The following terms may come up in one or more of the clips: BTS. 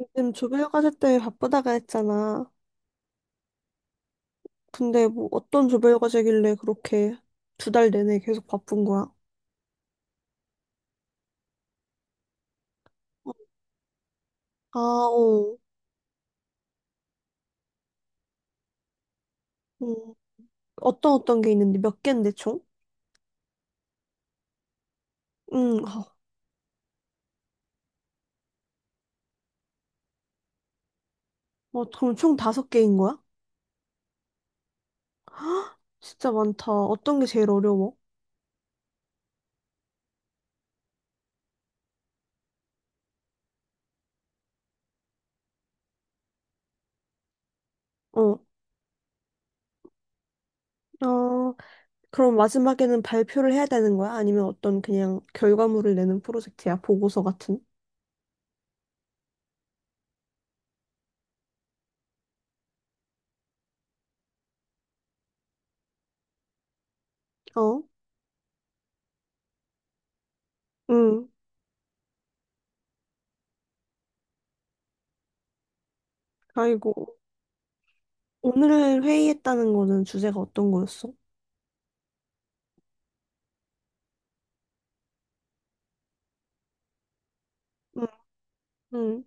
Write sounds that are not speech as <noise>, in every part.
요즘 조별과제 때문에 바쁘다가 했잖아. 근데 뭐 어떤 조별과제길래 그렇게 두 달 내내 계속 바쁜 거야? 아, 어. 음, 어떤 게 있는데 몇 개인데 총? 응, 어, 어, 그럼 총 다섯 개인 거야? <gasps> 헉, 진짜 많다. 어떤 게 제일 어려워? 어, 어, 그럼 마지막에는 발표를 해야 되는 거야? 아니면 어떤 그냥 결과물을 내는 프로젝트야? 보고서 같은? 어, 응, 아이고. 오늘 회의했다는 거는 주제가 어떤 거였어? 응, 응.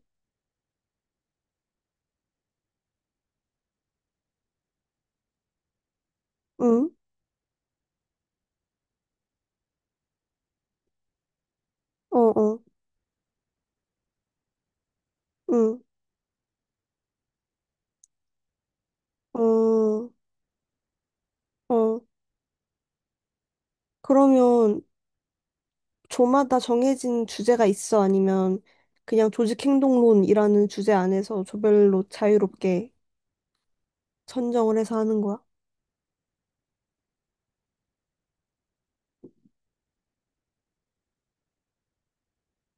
응, 어, 어, 응, 어, 어. 그러면 조마다 정해진 주제가 있어? 아니면 그냥 조직행동론이라는 주제 안에서 조별로 자유롭게 선정을 해서 하는 거야?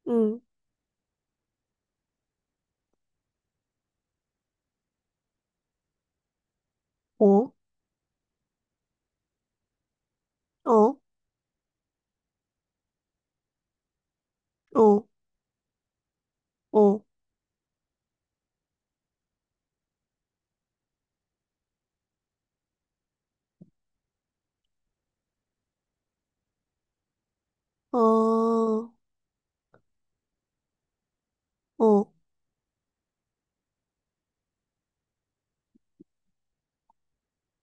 응, 어, 어, 어, 어, 아, 어,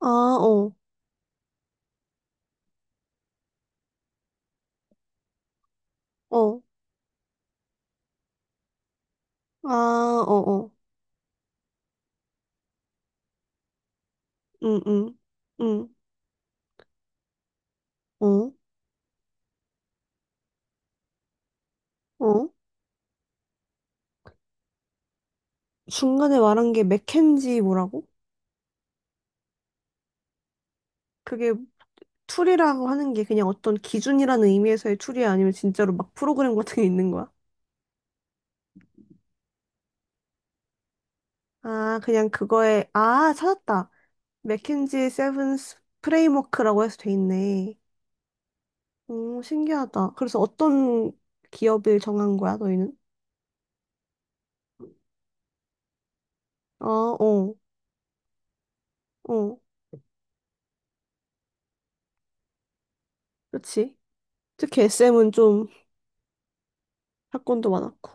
아, 어, 어, 아, 어, 어, 응, 응, 응, 어, 어. 중간에 말한 게 맥켄지 뭐라고? 그게 툴이라고 하는 게 그냥 어떤 기준이라는 의미에서의 툴이 아니면 진짜로 막 프로그램 <laughs> 같은 게 있는 거야? 아, 그냥 그거에, 아, 찾았다. 맥킨지 세븐스 프레임워크라고 해서 돼 있네. 오 신기하다. 그래서 어떤 기업을 정한 거야, 너희는? 어, 어, 어. 그렇지. 특히 SM은 좀 사건도 많았고.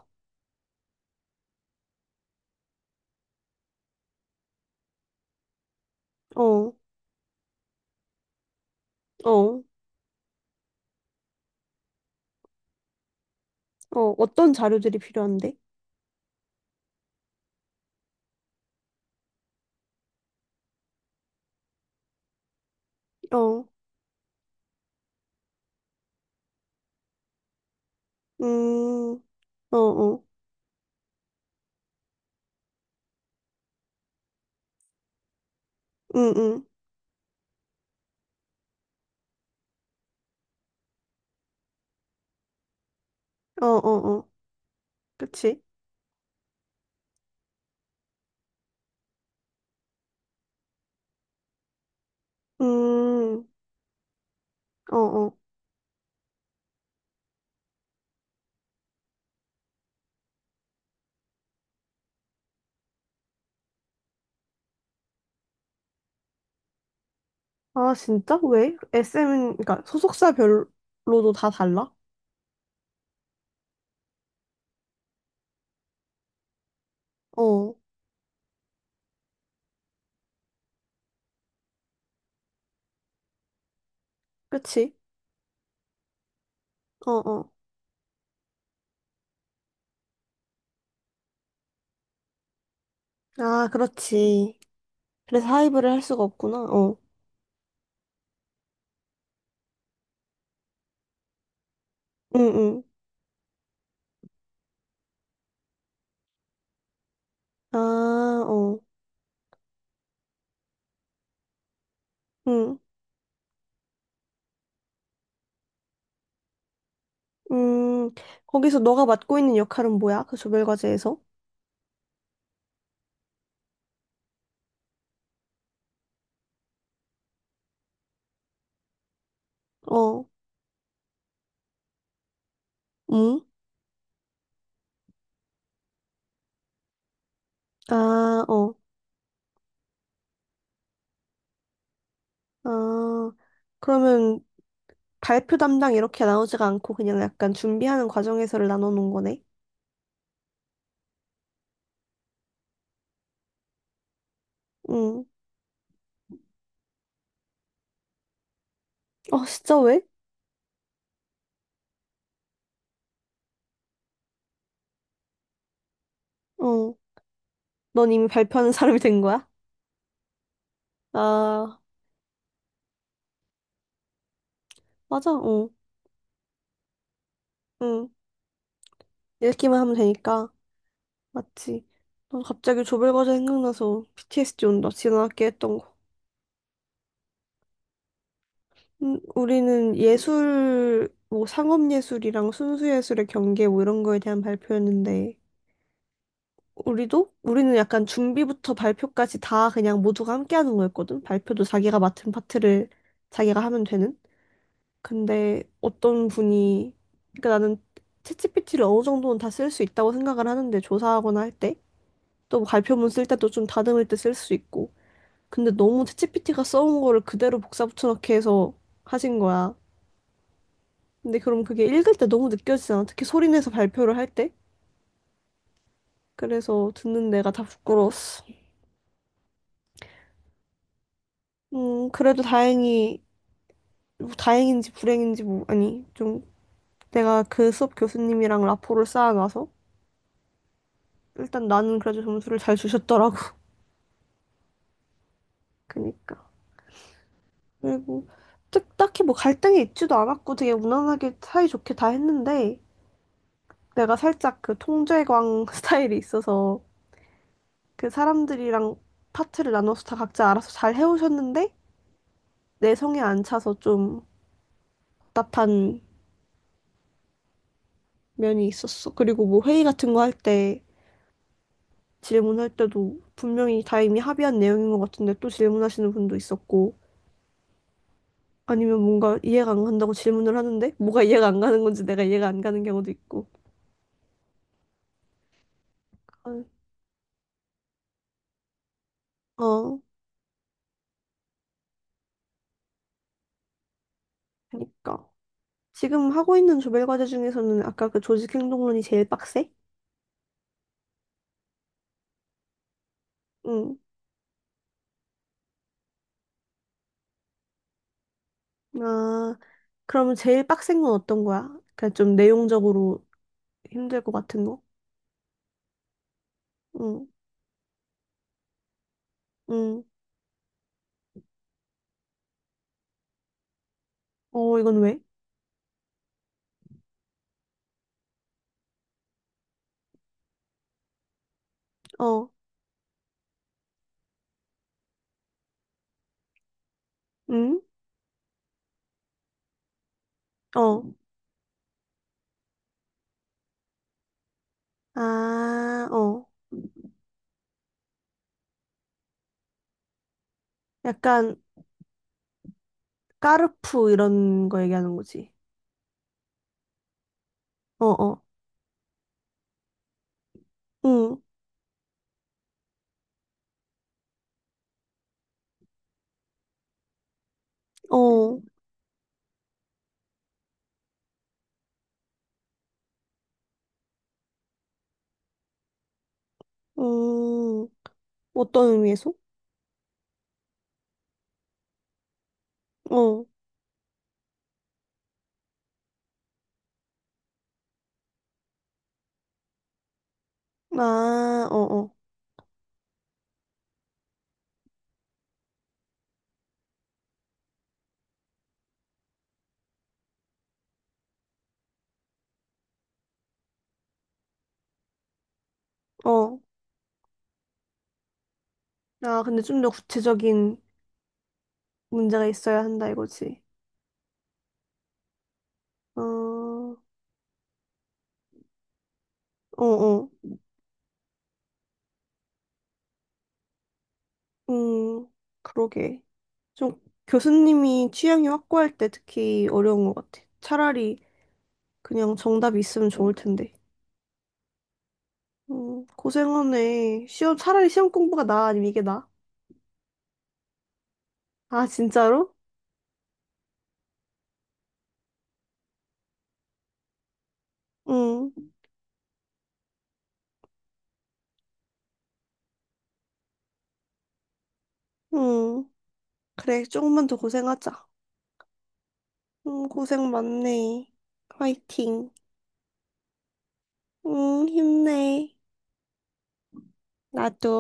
어, 어, 어. 어떤 자료들이 필요한데? 어, 음, 어, 어. 응, 응. 어, 어, 어. 그치. 음, 어, 어. 아, 진짜? 왜? SM은, 그러니까 소속사별로도 다 달라? 어, 그치? 어, 어. 아, 그렇지. 그래서 하이브를 할 수가 없구나. 어. 응, 응. 아, 어. 응. 음, 거기서 너가 맡고 있는 역할은 뭐야? 그 조별과제에서? 어. 응? 아, 어. 아, 그러면 발표 담당 이렇게 나오지가 않고 그냥 약간 준비하는 과정에서를 나눠 놓은 거네? 응. 어, 진짜 왜? 어. 넌 이미 발표하는 사람이 된 거야? 아, 맞아, 응, 응. 읽기만 하면 되니까. 맞지. 난 갑자기 조별과제 생각나서 b t s d 온다. 지난학기 했던 거. 우리는 예술, 뭐 상업예술이랑 순수예술의 경계 뭐 이런 거에 대한 발표였는데, 우리도? 우리는 약간 준비부터 발표까지 다 그냥 모두가 함께 하는 거였거든. 발표도 자기가 맡은 파트를 자기가 하면 되는. 근데 어떤 분이, 그러니까 나는 챗GPT를 어느 정도는 다 쓸 수 있다고 생각을 하는데, 조사하거나 할 때. 또 발표문 쓸 때도 좀 다듬을 때 쓸 수 있고. 근데 너무 챗GPT가 써온 거를 그대로 복사 붙여넣기 해서 하신 거야. 근데 그럼 그게 읽을 때 너무 느껴지잖아. 특히 소리 내서 발표를 할 때. 그래서 듣는 내가 다 부끄러웠어. 그래도 다행히, 뭐 다행인지 불행인지 뭐, 아니, 좀 내가 그 수업 교수님이랑 라포를 쌓아가서 일단 나는 그래도 점수를 잘 주셨더라고. <laughs> 그니까. 그리고 딱히 뭐 갈등이 있지도 않았고 되게 무난하게 사이좋게 다 했는데 내가 살짝 그 통제광 <laughs> 스타일이 있어서 그 사람들이랑 파트를 나눠서 다 각자 알아서 잘 해오셨는데 내 성에 안 차서 좀 답답한 면이 있었어. 그리고 뭐 회의 같은 거 할 때 질문할 때도 분명히 다 이미 합의한 내용인 것 같은데 또 질문하시는 분도 있었고 아니면 뭔가 이해가 안 간다고 질문을 하는데 뭐가 이해가 안 가는 건지 내가 이해가 안 가는 경우도 있고. 어, 어, 그러니까. 지금 하고 있는 조별 과제 중에서는 아까 그 조직 행동론이 제일 빡세? 응. 아, 그러면 제일 빡센 건 어떤 거야? 그냥 좀 내용적으로 힘들 것 같은 거? 응, 응. 어, 이건 왜? 어, 응? 어. 아, 어. 약간 까르푸 이런 거 얘기하는 거지. 어, 어. 응, 어. 음, 어떤 의미에서? 어. 아, 어, 어. 어. 아, 근데 좀 더 구체적인 문제가 있어야 한다 이거지. 어, 어, 어. 음, 그러게. 좀 교수님이 취향이 확고할 때 특히 어려운 것 같아. 차라리 그냥 정답이 있으면 좋을 텐데. 고생하네. 시험, 차라리 시험 공부가 나 아니면 이게 나? 아, 진짜로? 응, 응. 그래, 조금만 더 고생하자. 응, 고생 많네. 화이팅. 응, 힘내. 나도.